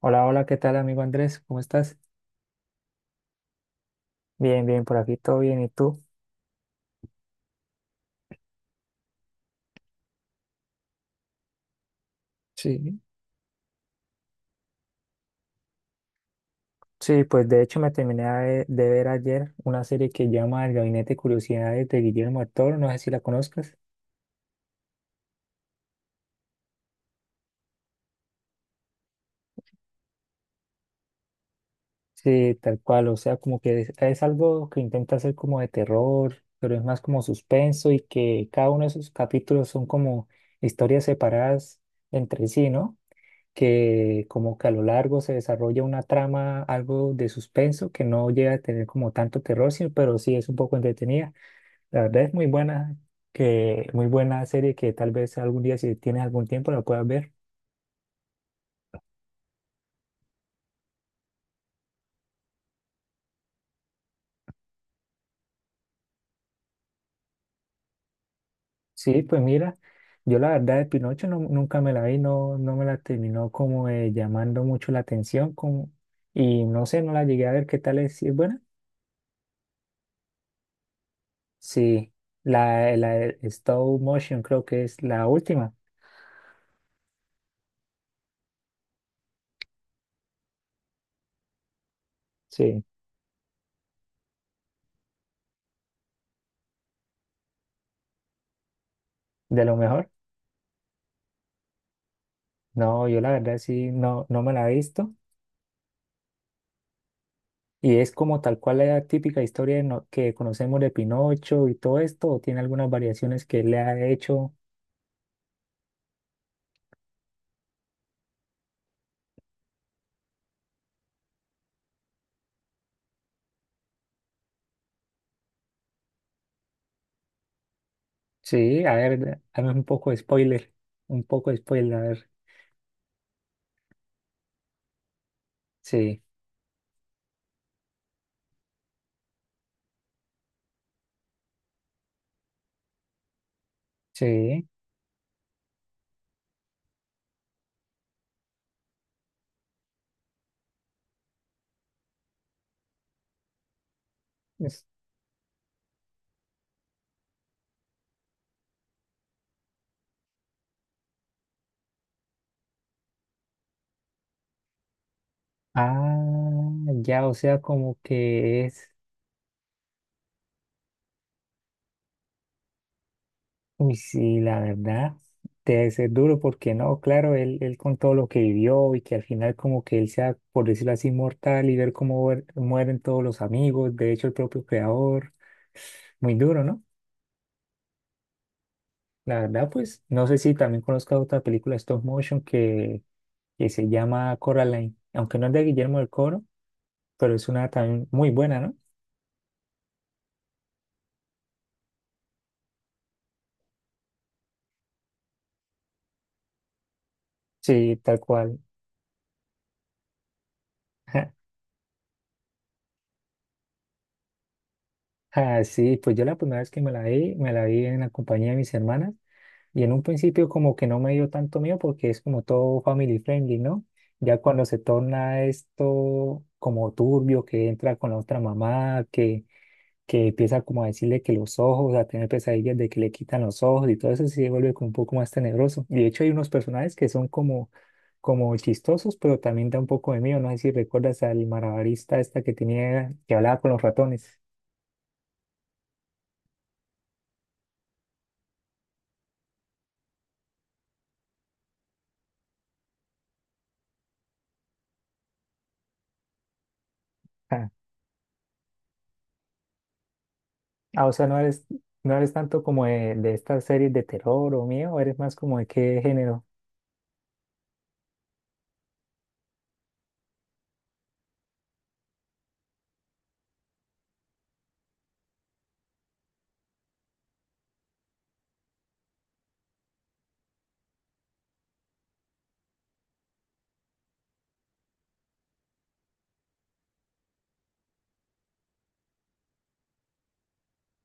Hola, hola, ¿qué tal, amigo Andrés? ¿Cómo estás? Bien, bien, por aquí todo bien, ¿y tú? Sí, sí, pues de hecho me terminé de ver ayer una serie que llama El Gabinete de Curiosidades de Guillermo del Toro, no sé si la conozcas. Sí, tal cual, o sea, como que es algo que intenta hacer como de terror, pero es más como suspenso y que cada uno de sus capítulos son como historias separadas entre sí, ¿no? Que como que a lo largo se desarrolla una trama, algo de suspenso, que no llega a tener como tanto terror, pero sí es un poco entretenida. La verdad es muy buena, muy buena serie que tal vez algún día si tienes algún tiempo la puedas ver. Sí, pues mira, yo la verdad de Pinocho nunca me la vi, no, no me la terminó como llamando mucho la atención como, y no sé, no la llegué a ver qué tal es, si es buena. Sí, la de stop motion creo que es la última, sí, de lo mejor. No, yo la verdad sí, no, no me la he visto. ¿Y es como tal cual la típica historia de que conocemos de Pinocho y todo esto? ¿O tiene algunas variaciones que le ha hecho? Sí, a ver, dame un poco de spoiler. Un poco de spoiler, a ver. Sí, sí. es- Ah, ya, o sea, como que es. Uy, sí, la verdad, debe ser duro porque no, claro, él con todo lo que vivió y que al final como que él sea, por decirlo así, mortal y ver cómo mueren todos los amigos, de hecho el propio creador, muy duro, ¿no? La verdad, pues, no sé si también conozcas otra película stop motion que se llama Coraline, aunque no es de Guillermo del Toro, pero es una también muy buena, ¿no? Sí, tal cual. Ah, sí, pues yo la primera vez que me la vi en la compañía de mis hermanas. Y en un principio como que no me dio tanto miedo porque es como todo family friendly, ¿no? Ya cuando se torna esto como turbio, que entra con la otra mamá, que empieza como a decirle que los ojos, a tener pesadillas de que le quitan los ojos y todo eso sí se vuelve como un poco más tenebroso. Y de hecho hay unos personajes que son como, como chistosos, pero también da un poco de miedo. No sé si recuerdas al malabarista esta que tenía, que hablaba con los ratones. Ah, ah, o sea, no eres tanto como de estas series de terror o miedo, eres más como de qué género.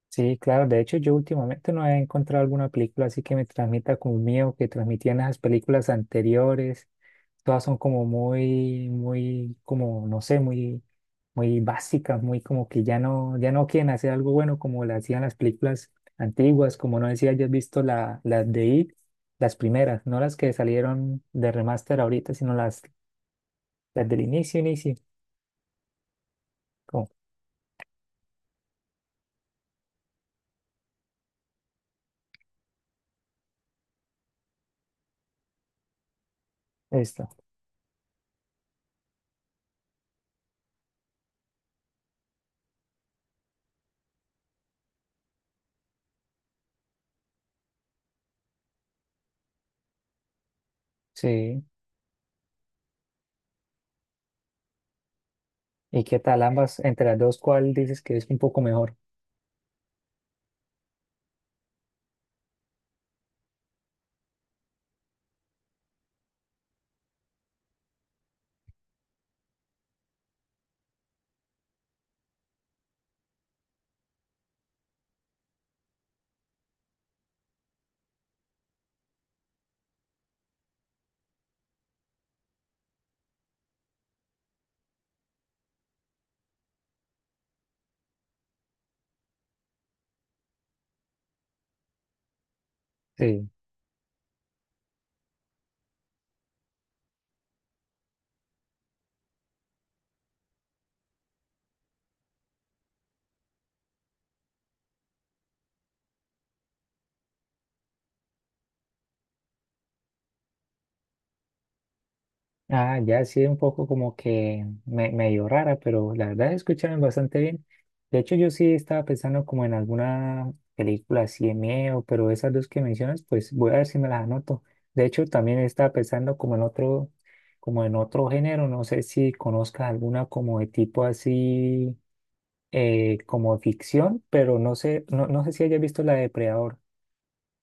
Sí, claro, de hecho yo últimamente no he encontrado alguna película así que me transmita como miedo que transmitían esas películas anteriores. Todas son como muy, muy, como, no sé, muy, muy básicas, muy como que ya no quieren hacer algo bueno como lo hacían las películas antiguas, como no decía, hayas visto las de It, las primeras, no las que salieron de remaster ahorita, sino las del inicio, inicio. Co- Esta, sí. ¿Y qué tal ambas? Entre las dos, ¿cuál dices que es un poco mejor? Sí. Ah, ya sí, un poco como que medio rara, pero la verdad escucharon bastante bien. De hecho, yo sí estaba pensando como en alguna película así de miedo, pero esas dos que mencionas, pues voy a ver si me las anoto. De hecho, también estaba pensando como en otro género, no sé si conozcas alguna como de tipo así, como ficción, pero no sé si hayas visto la de Depredador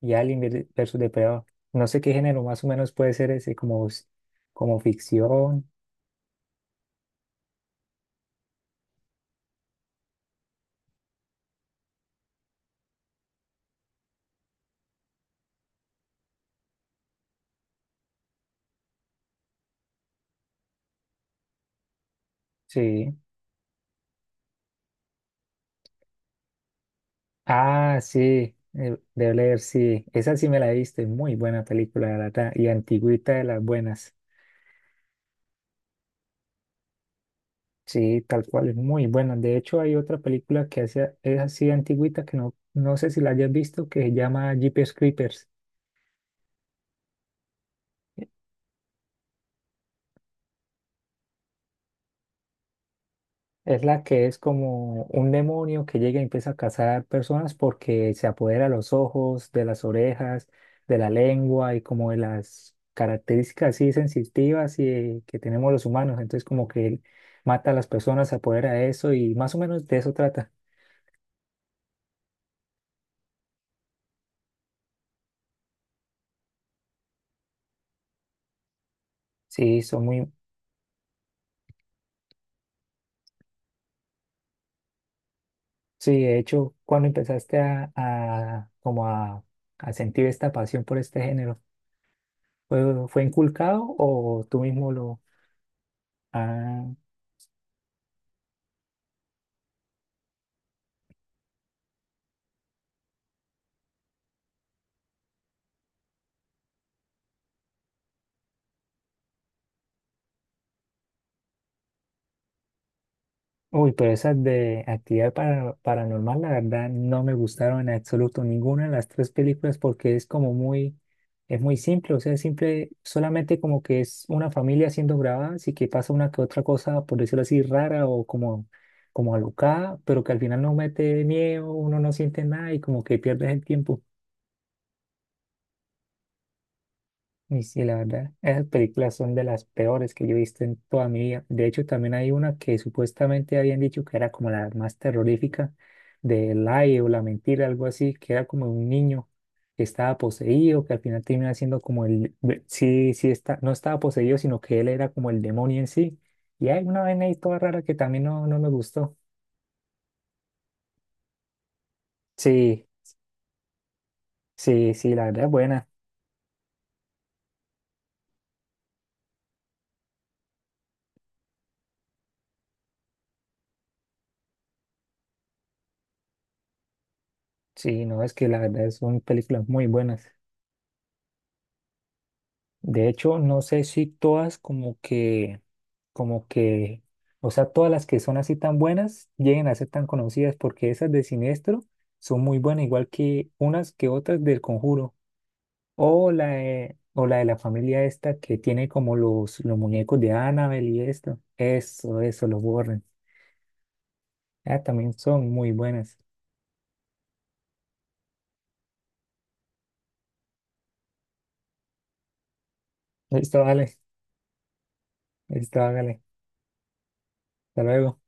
y Alien versus Depredador. No sé qué género más o menos puede ser ese, como, como ficción. Sí. Ah, sí, de leer, sí. Esa sí me la viste, muy buena película, la verdad, y antigüita de las buenas. Sí, tal cual, es muy buena. De hecho, hay otra película que hace, es así antigüita que no, no sé si la hayas visto, que se llama Jeepers Creepers. Es la que es como un demonio que llega y empieza a cazar personas porque se apodera de los ojos, de las orejas, de la lengua y como de las características así sensitivas y que tenemos los humanos. Entonces como que él mata a las personas, se apodera de eso y más o menos de eso trata. Sí, son muy... Sí, de hecho, cuando empezaste como a sentir esta pasión por este género, ¿fue inculcado o tú mismo lo... Uy, pero esas de actividad paranormal, la verdad, no me gustaron en absoluto ninguna de las tres películas porque es como muy, es muy simple, o sea, simple, solamente como que es una familia siendo grabada, y que pasa una que otra cosa, por decirlo así, rara o como, como alocada, pero que al final no mete miedo, uno no siente nada y como que pierdes el tiempo. Y sí, la verdad, esas películas son de las peores que yo he visto en toda mi vida. De hecho, también hay una que supuestamente habían dicho que era como la más terrorífica de Lie o La Mentira, algo así, que era como un niño que estaba poseído, que al final termina siendo como el, sí, está, no estaba poseído, sino que él era como el demonio en sí. Y hay una vaina ahí toda rara que también no me gustó. Sí, sí, sí, la verdad es buena. Sí, no, es que la verdad son películas muy buenas. De hecho, no sé si todas como que, o sea, todas las que son así tan buenas lleguen a ser tan conocidas porque esas de Siniestro son muy buenas, igual que unas que otras del Conjuro. O la de la familia esta que tiene como los muñecos de Annabelle y esto. Eso, los borren. Ah, también son muy buenas. Listo, dale. Listo, hágale. Hasta luego.